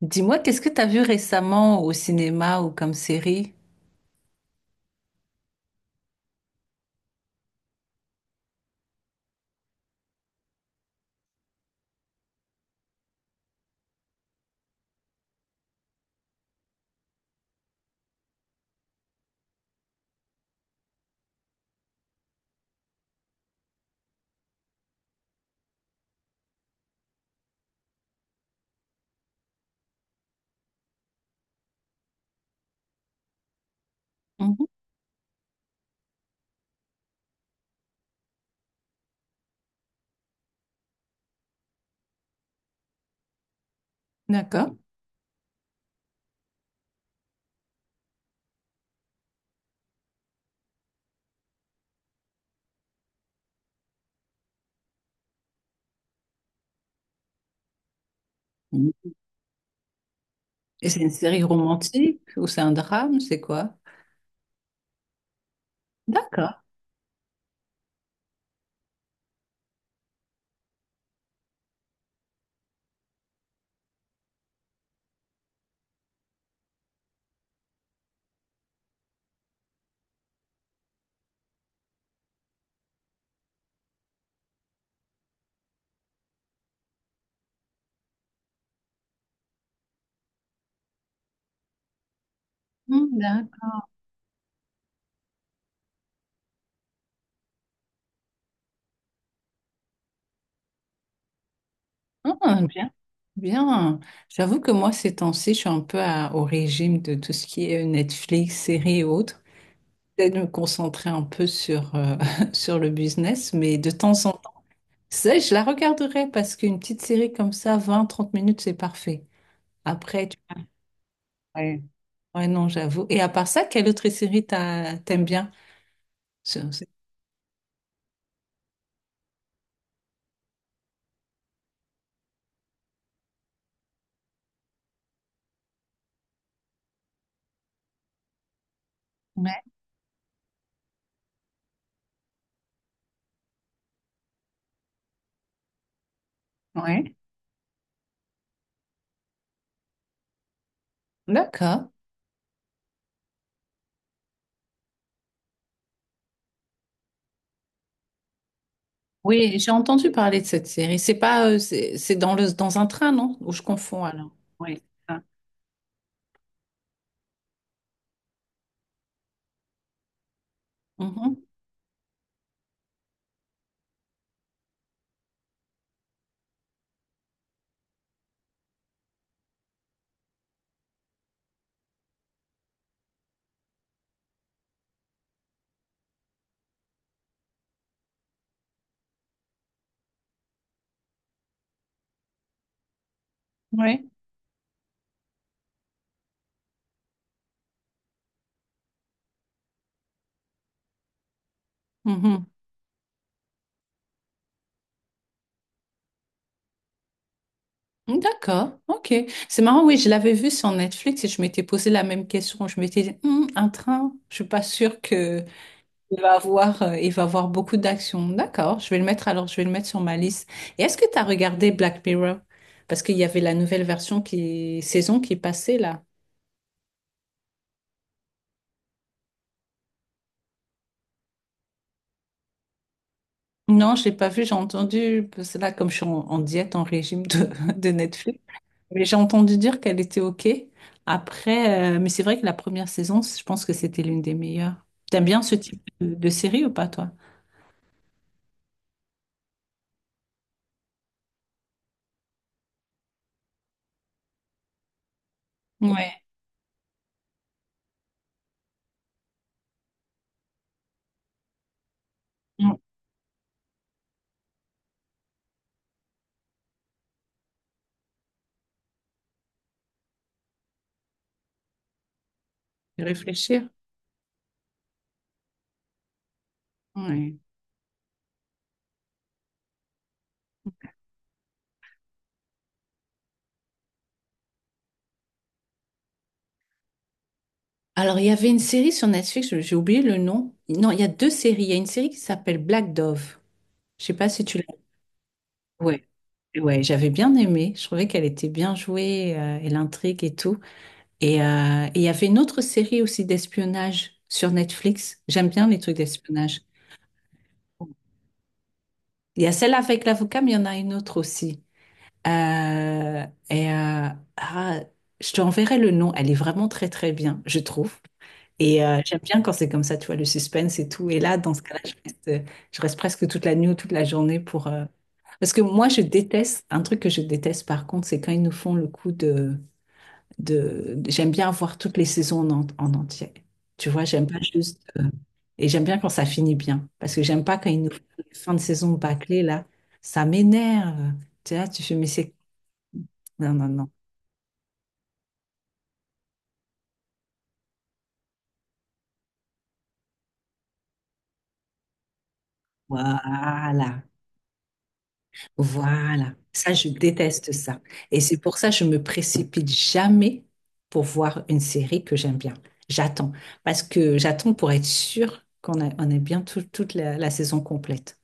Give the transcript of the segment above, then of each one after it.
Dis-moi, qu'est-ce que tu as vu récemment au cinéma ou comme série? Mhm. D'accord. Mhm. Et c'est une série romantique ou c'est un drame? C'est quoi? D'accord. Mhm. D'accord. Ah, bien. Bien. J'avoue que moi, ces temps-ci, je suis un peu au régime de tout ce qui est Netflix, séries et autres. J'essaie de me concentrer un peu sur, sur le business, mais de temps en temps, ça, je la regarderai parce qu'une petite série comme ça, vingt trente minutes, c'est parfait. Après, tu Ouais. Ouais, non, j'avoue. Et à part ça, quelle autre série t'aimes bien? Sur- sur- Ouais, ouais. D'accord. Oui, j'ai entendu parler de cette série. C'est pas, c'est dans le, dans un train, non? Ou je confonds alors. Oui. Ah. Mhm. Oui. Mhm. D'accord, ok. C'est marrant, oui, je l'avais vu sur Netflix et je m'étais posé la même question. Je m'étais dit, hum, un train, je suis pas sûre que... Il va avoir beaucoup d'actions. D'accord, je vais le mettre alors, je vais le mettre sur ma liste. Et est-ce que tu as regardé Black Mirror? Parce qu'il y avait la nouvelle version qui, saison qui passait là. Non, je l'ai pas vu, j'ai entendu, parce que là, comme je suis en diète, en régime de, de Netflix, mais j'ai entendu dire qu'elle était OK. Après, mais c'est vrai que la première saison, je pense que c'était l'une des meilleures. T'aimes bien ce type de série ou pas, toi? Ouais. Mm. Réfléchir. Ouais. Alors, il y avait une série sur Netflix, j'ai oublié le nom. Non, il y a deux séries. Il y a une série qui s'appelle Black Dove. Je sais pas si tu l'as. Ouais. Ouais, j'avais bien aimé. Je trouvais qu'elle était bien jouée, et l'intrigue et tout. Et il y avait une autre série aussi d'espionnage sur Netflix. J'aime bien les trucs d'espionnage. Il y a celle avec l'avocat, mais il y en a une autre aussi. Et ah, je te enverrai le nom. Elle est vraiment très très bien, je trouve. Et j'aime bien quand c'est comme ça, tu vois, le suspense et tout. Et là, dans ce cas-là, je reste presque toute la nuit ou toute la journée pour... Parce que moi, je déteste, un truc que je déteste par contre, c'est quand ils nous font le coup de... J'aime bien voir toutes les saisons en, en entier. Tu vois, j'aime pas juste... Et j'aime bien quand ça finit bien. Parce que j'aime pas quand ils nous font les fins de saison bâclées, là. Ça m'énerve. Tu vois, tu fais, mais c'est... Non, non, non. Voilà. Voilà, ça je déteste ça. Et c'est pour ça que je me précipite jamais pour voir une série que j'aime bien. J'attends, parce que j'attends pour être sûre qu'on a bien toute la saison complète.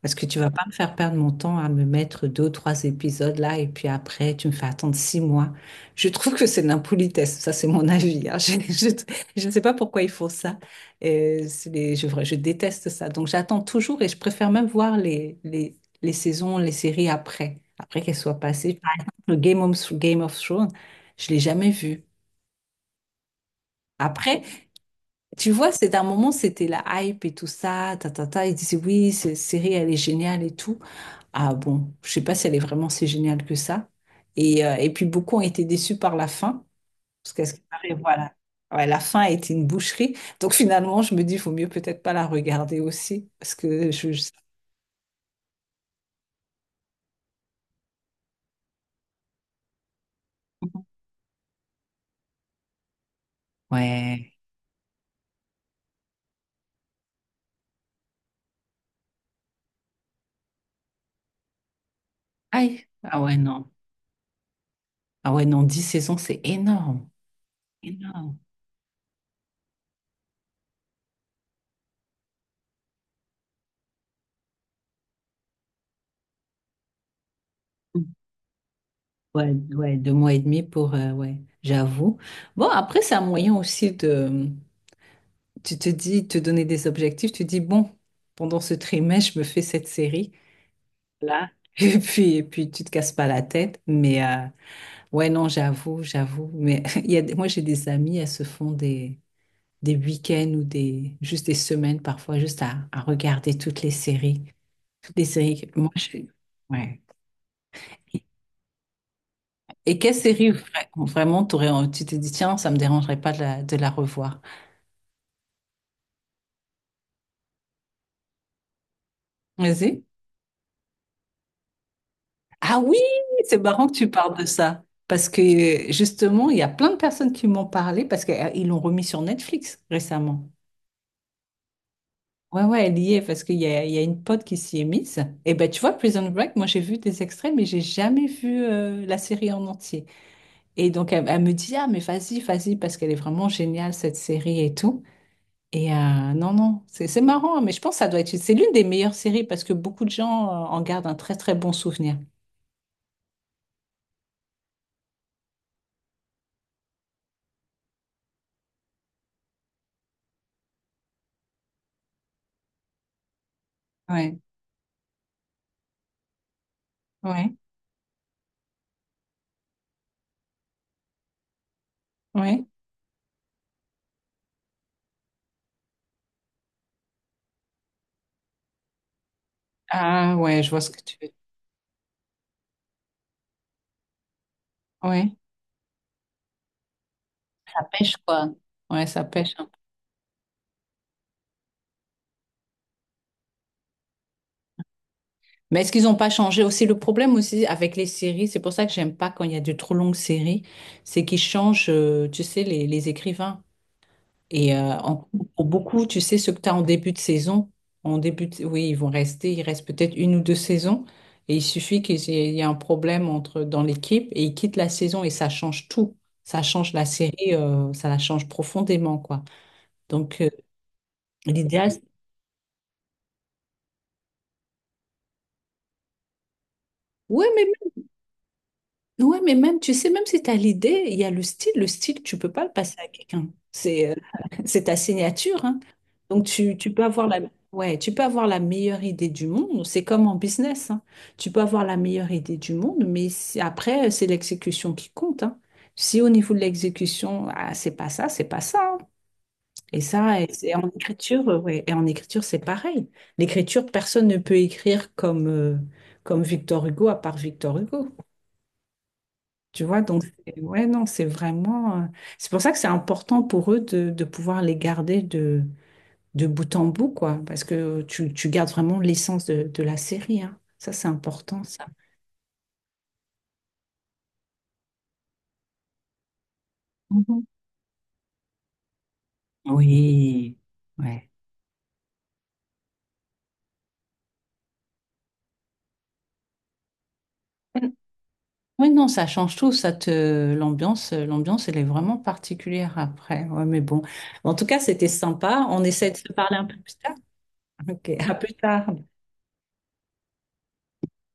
Parce que tu vas pas me faire perdre mon temps à me mettre deux ou trois épisodes là et puis après tu me fais attendre 6 mois. Je trouve que c'est de l'impolitesse. Ça, c'est mon avis, hein. Je ne sais pas pourquoi ils font ça. Je déteste ça. Donc j'attends toujours et je préfère même voir les, les saisons, les séries après qu'elles soient passées. Par exemple, le Game of Thrones, je l'ai jamais vu. Après, tu vois, c'est d'un moment, c'était la hype et tout ça, ta, ta, ta. Ils disaient oui, cette série, elle est géniale et tout. Ah bon, je sais pas si elle est vraiment si géniale que ça. Et puis beaucoup ont été déçus par la fin, parce qu'à ce qui paraît, voilà. Ouais, la fin a été une boucherie. Donc finalement, je me dis, il vaut mieux peut-être pas la regarder aussi, parce que Ouais. Aïe. Ah ouais, non. Ah ouais, non, 10 saisons, c'est énorme. Énorme. Ouais, ouais, deux mois et demi pour... ouais, j'avoue. Bon, après, c'est un moyen aussi de... Tu te dis, te donner des objectifs, tu dis, bon, pendant ce trimestre, je me fais cette série, là. Et puis tu te casses pas la tête. Mais ouais, non, j'avoue, j'avoue. Mais il y a, moi, j'ai des amis, elles se font des, week-ends ou des, juste des semaines parfois, juste à regarder toutes les séries. Toutes les séries. Moi, je... ouais. Et quelle série vraiment t'aurais, tu t'es dit, tiens, ça me dérangerait pas de la revoir. Vas-y. Ah oui, c'est marrant que tu parles de ça. Parce que justement, il y a plein de personnes qui m'ont parlé parce qu'ils l'ont remis sur Netflix récemment. Ouais, ouais, elle y est parce qu'il y a une pote qui s'y est mise. Et ben, tu vois, Prison Break, moi j'ai vu des extraits, mais j'ai jamais vu la série en entier. Et donc, elle, elle me dit, ah, mais vas-y, vas-y, parce qu'elle est vraiment géniale, cette série et tout. Et non, non, c'est marrant, hein, mais je pense que ça doit être, c'est l'une des meilleures séries parce que beaucoup de gens en gardent un très, très bon souvenir. Ouais, ouais, ouais. Ah, ouais, je vois ce que tu veux. Ouais. Ça pêche, quoi. Ouais, ça pêche, hein. Mais est-ce qu'ils n'ont pas changé aussi le problème aussi avec les séries? C'est pour ça que j'aime pas quand il y a de trop longues séries, c'est qu'ils changent, tu sais, les écrivains. Et euh, en- pour beaucoup, tu sais, ce que tu as en début de saison, oui, ils vont rester, il reste peut-être une ou deux saisons, et il suffit qu'il y ait un problème dans l'équipe, et ils quittent la saison, et ça change tout. Ça change la série, ça la change profondément, quoi. Donc, l'idéal, oui. Ouais, mais même, tu sais, même si tu as l'idée, il y a le style. Le style, tu peux pas le passer à quelqu'un. C'est c'est ta signature, hein. Donc, tu peux avoir la, ouais, tu peux avoir la meilleure idée du monde. C'est comme en business, hein. Tu peux avoir la meilleure idée du monde, mais après, c'est l'exécution qui compte, hein. Si au niveau de l'exécution, ah, c'est pas ça, c'est pas ça, hein. Et ça, et, en écriture, ouais. Et en écriture, c'est pareil. L'écriture, personne ne peut écrire comme Victor Hugo à part Victor Hugo. Tu vois, donc, ouais, non, c'est vraiment. C'est pour ça que c'est important pour eux de, pouvoir les garder de bout en bout, quoi. Parce que tu gardes vraiment l'essence de la série, hein. Ça, c'est important, ça. Mhm. Oui, ouais. Oui, non, ça change tout, ça te l'ambiance, elle est vraiment particulière après. Ouais, mais bon. En tout cas, c'était sympa. On essaie de se parler un peu plus tard. Ok, à plus tard.